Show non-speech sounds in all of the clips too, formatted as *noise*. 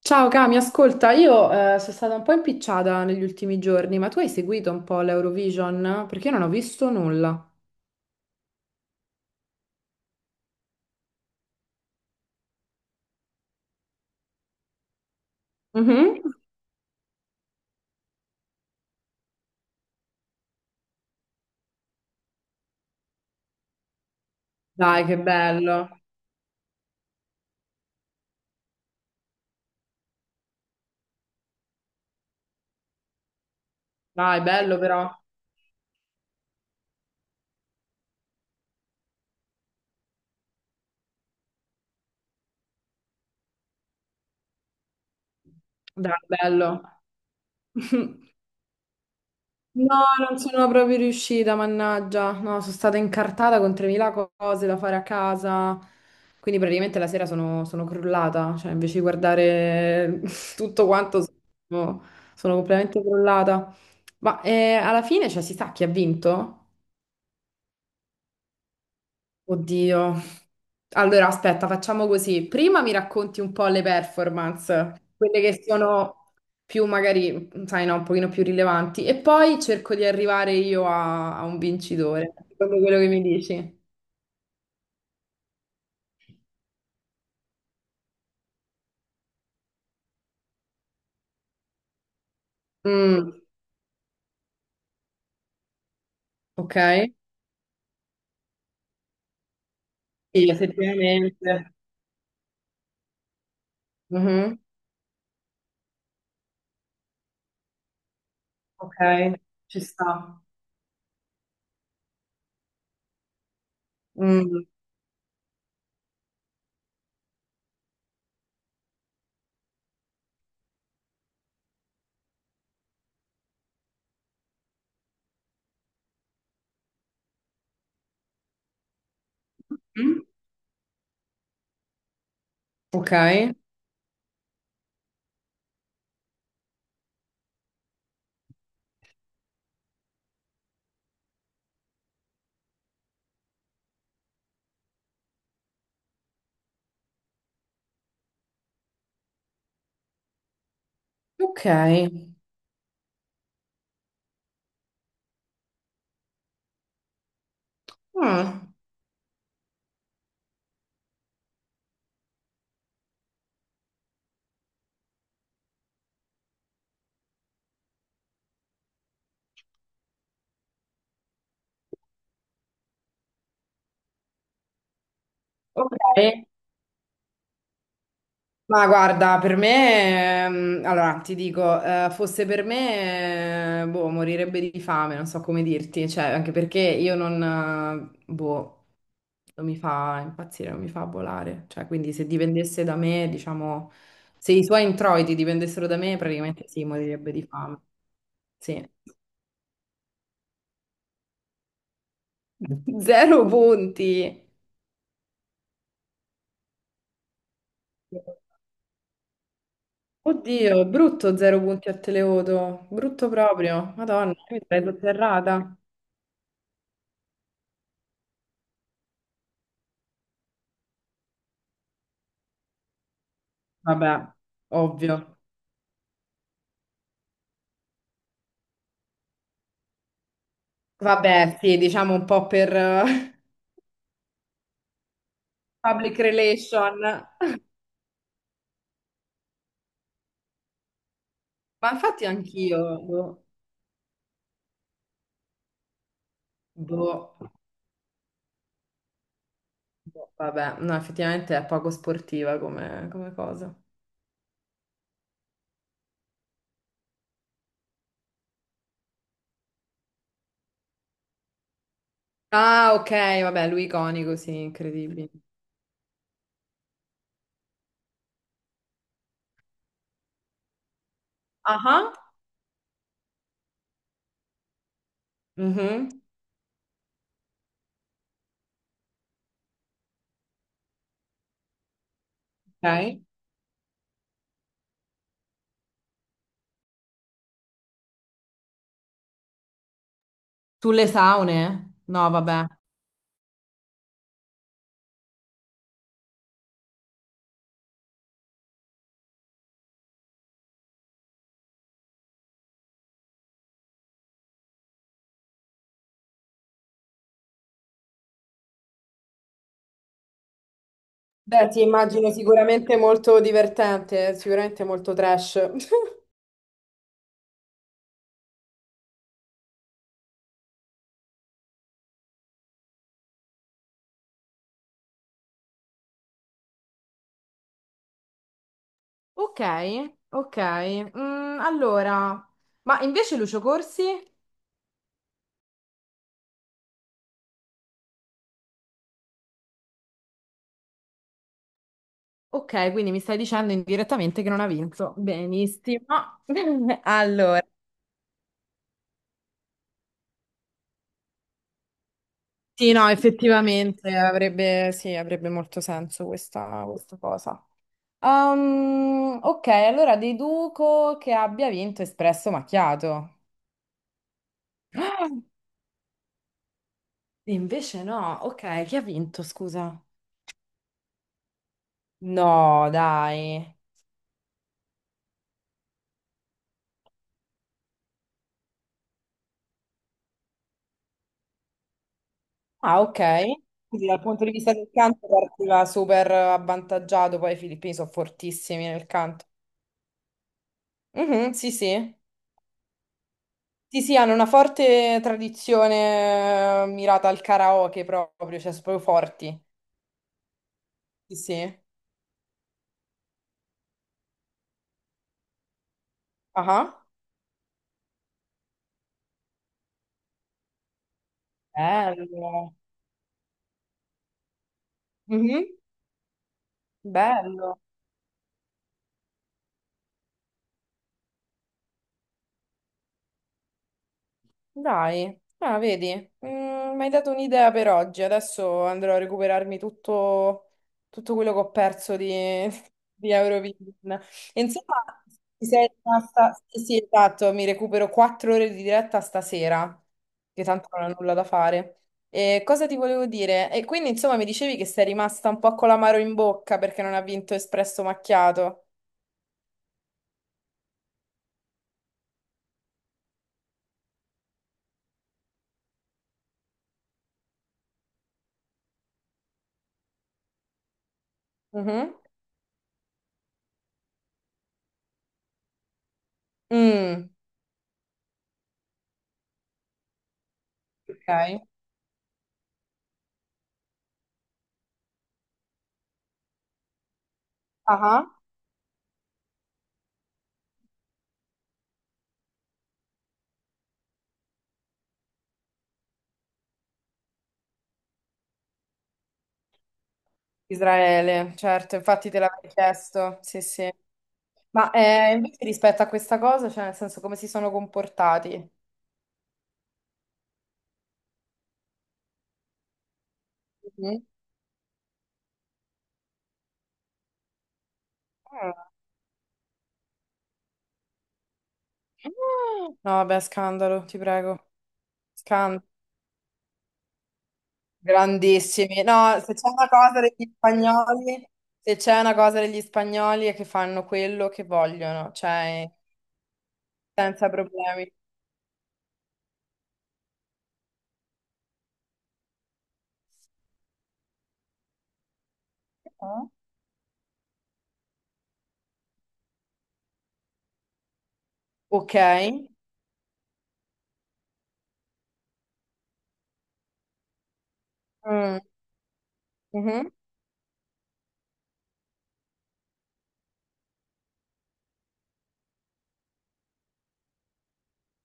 Ciao Cami, ascolta, io sono stata un po' impicciata negli ultimi giorni, ma tu hai seguito un po' l'Eurovision? Perché io non ho visto nulla. Mhm. Dai, che bello. Dai, bello però. Dai, bello. *laughs* No, non sono proprio riuscita, mannaggia. No, sono stata incartata con 3.000 cose da fare a casa. Quindi praticamente la sera sono crollata. Cioè, invece di guardare *laughs* tutto quanto, sono, sono completamente crollata. Ma alla fine, cioè, si sa chi ha vinto? Oddio. Allora, aspetta, facciamo così. Prima mi racconti un po' le performance, quelle che sono più magari, sai, no, un pochino più rilevanti, e poi cerco di arrivare io a un vincitore, secondo quello che mi dici. Mm, ok, sì, effettivamente. Mhm, ok, ci sta. Mm, mm, ok, ok. Mm, ok. Ma guarda, per me, allora ti dico, fosse per me, boh, morirebbe di fame, non so come dirti, cioè, anche perché io non, boh, non mi fa impazzire, non mi fa volare, cioè, quindi se dipendesse da me, diciamo, se i suoi introiti dipendessero da me, praticamente sì, morirebbe di fame, sì. *laughs* Zero punti! Oddio, brutto zero punti a Televoto, brutto proprio, Madonna, io mi sarei sotterrata. Vabbè, ovvio. Vabbè, sì, diciamo un po' per *laughs* public relation. Ma infatti anch'io, boh, boh, boh, vabbè, no, effettivamente è poco sportiva come, come cosa. Ah, ok, vabbè, lui iconico, sì, incredibile. Ah, mhm, ok. Sulle saune? No, vabbè. Beh, ti immagino sicuramente molto divertente, sicuramente molto trash. Ok, ok. Mm, allora, ma invece Lucio Corsi? Ok, quindi mi stai dicendo indirettamente che non ha vinto. Benissimo. *laughs* Allora, sì, no, effettivamente avrebbe, sì, avrebbe molto senso questa, questa cosa. Ok, allora deduco che abbia vinto Espresso Macchiato. *gasps* Ah, invece no, ok, chi ha vinto, scusa? No, dai. Ah, ok. Quindi dal punto di vista del canto partiva super avvantaggiato, poi i filippini sono fortissimi nel canto. Mhm, sì, sì. Sì, sì, hanno una forte tradizione mirata al karaoke proprio, cioè sono proprio forti. Sì, sì. Ah, ah. Bello. Mhm, bello. Dai, ah, vedi, mm, mi hai dato un'idea per oggi. Adesso andrò a recuperarmi tutto, tutto quello che ho perso di, *laughs* di Eurovision. E insomma, ti sei rimasta... Sì, sì, esatto, mi recupero quattro ore di diretta stasera, che tanto non ho nulla da fare. E cosa ti volevo dire? E quindi, insomma, mi dicevi che sei rimasta un po' con l'amaro in bocca perché non ha vinto Espresso Macchiato. Mhm. Mm, ok. Ah. Israele, certo, infatti te l'avevo chiesto, sì, sì. Ma invece rispetto a questa cosa, cioè nel senso come si sono comportati? Mhm. Ah. No, vabbè, scandalo, ti prego. Scandalo. Grandissimi. No, se c'è una cosa degli spagnoli, se c'è una cosa degli spagnoli è che fanno quello che vogliono, cioè senza problemi. Ah. Ok. Mm. Mhm.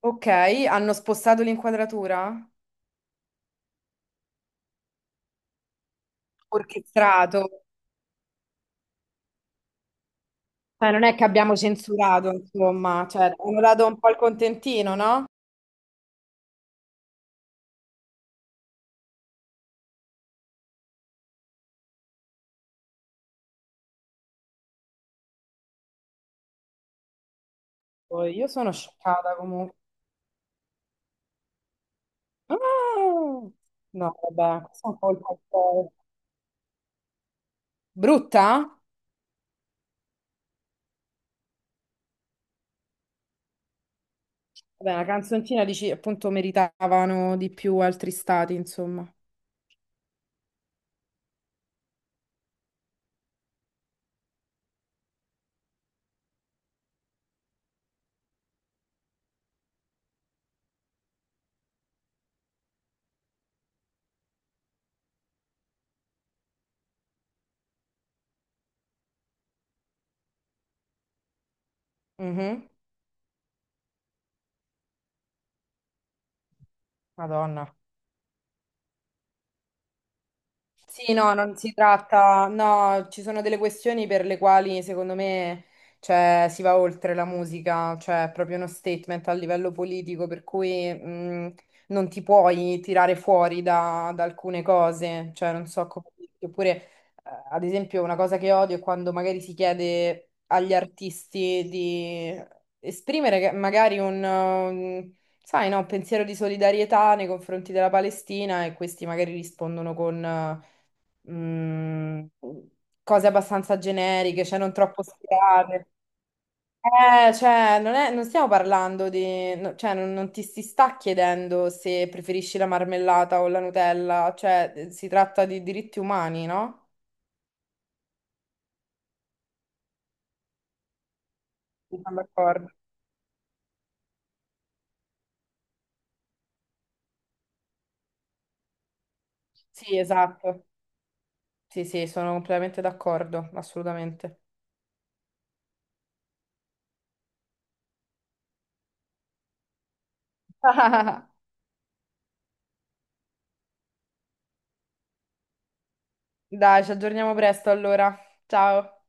Ok, hanno spostato l'inquadratura? Orchestrato. Cioè, non è che abbiamo censurato, insomma, cioè, abbiamo dato un po' il contentino, no? Poi io sono scioccata comunque. Ah! No, vabbè, questa è un po' il colpo. Brutta? Vabbè, la canzoncina dici, appunto, meritavano di più altri stati, insomma. Mhm. Madonna. Sì, no, non si tratta, no, ci sono delle questioni per le quali secondo me, cioè, si va oltre la musica, cioè è proprio uno statement a livello politico, per cui non ti puoi tirare fuori da alcune cose, cioè non so come dirti. Oppure ad esempio una cosa che odio è quando magari si chiede agli artisti di esprimere che- magari un, sai, no, un pensiero di solidarietà nei confronti della Palestina e questi magari rispondono con mm, cose abbastanza generiche, cioè non troppo spiegate. Cioè, non è- non stiamo parlando di... no- cioè, non ti si sta chiedendo se preferisci la marmellata o la Nutella, cioè, si tratta di diritti umani, no? Mi sono d'accordo. Sì, esatto. Sì, sì, sono completamente d'accordo, assolutamente. *laughs* Dai, ci aggiorniamo presto allora. Ciao.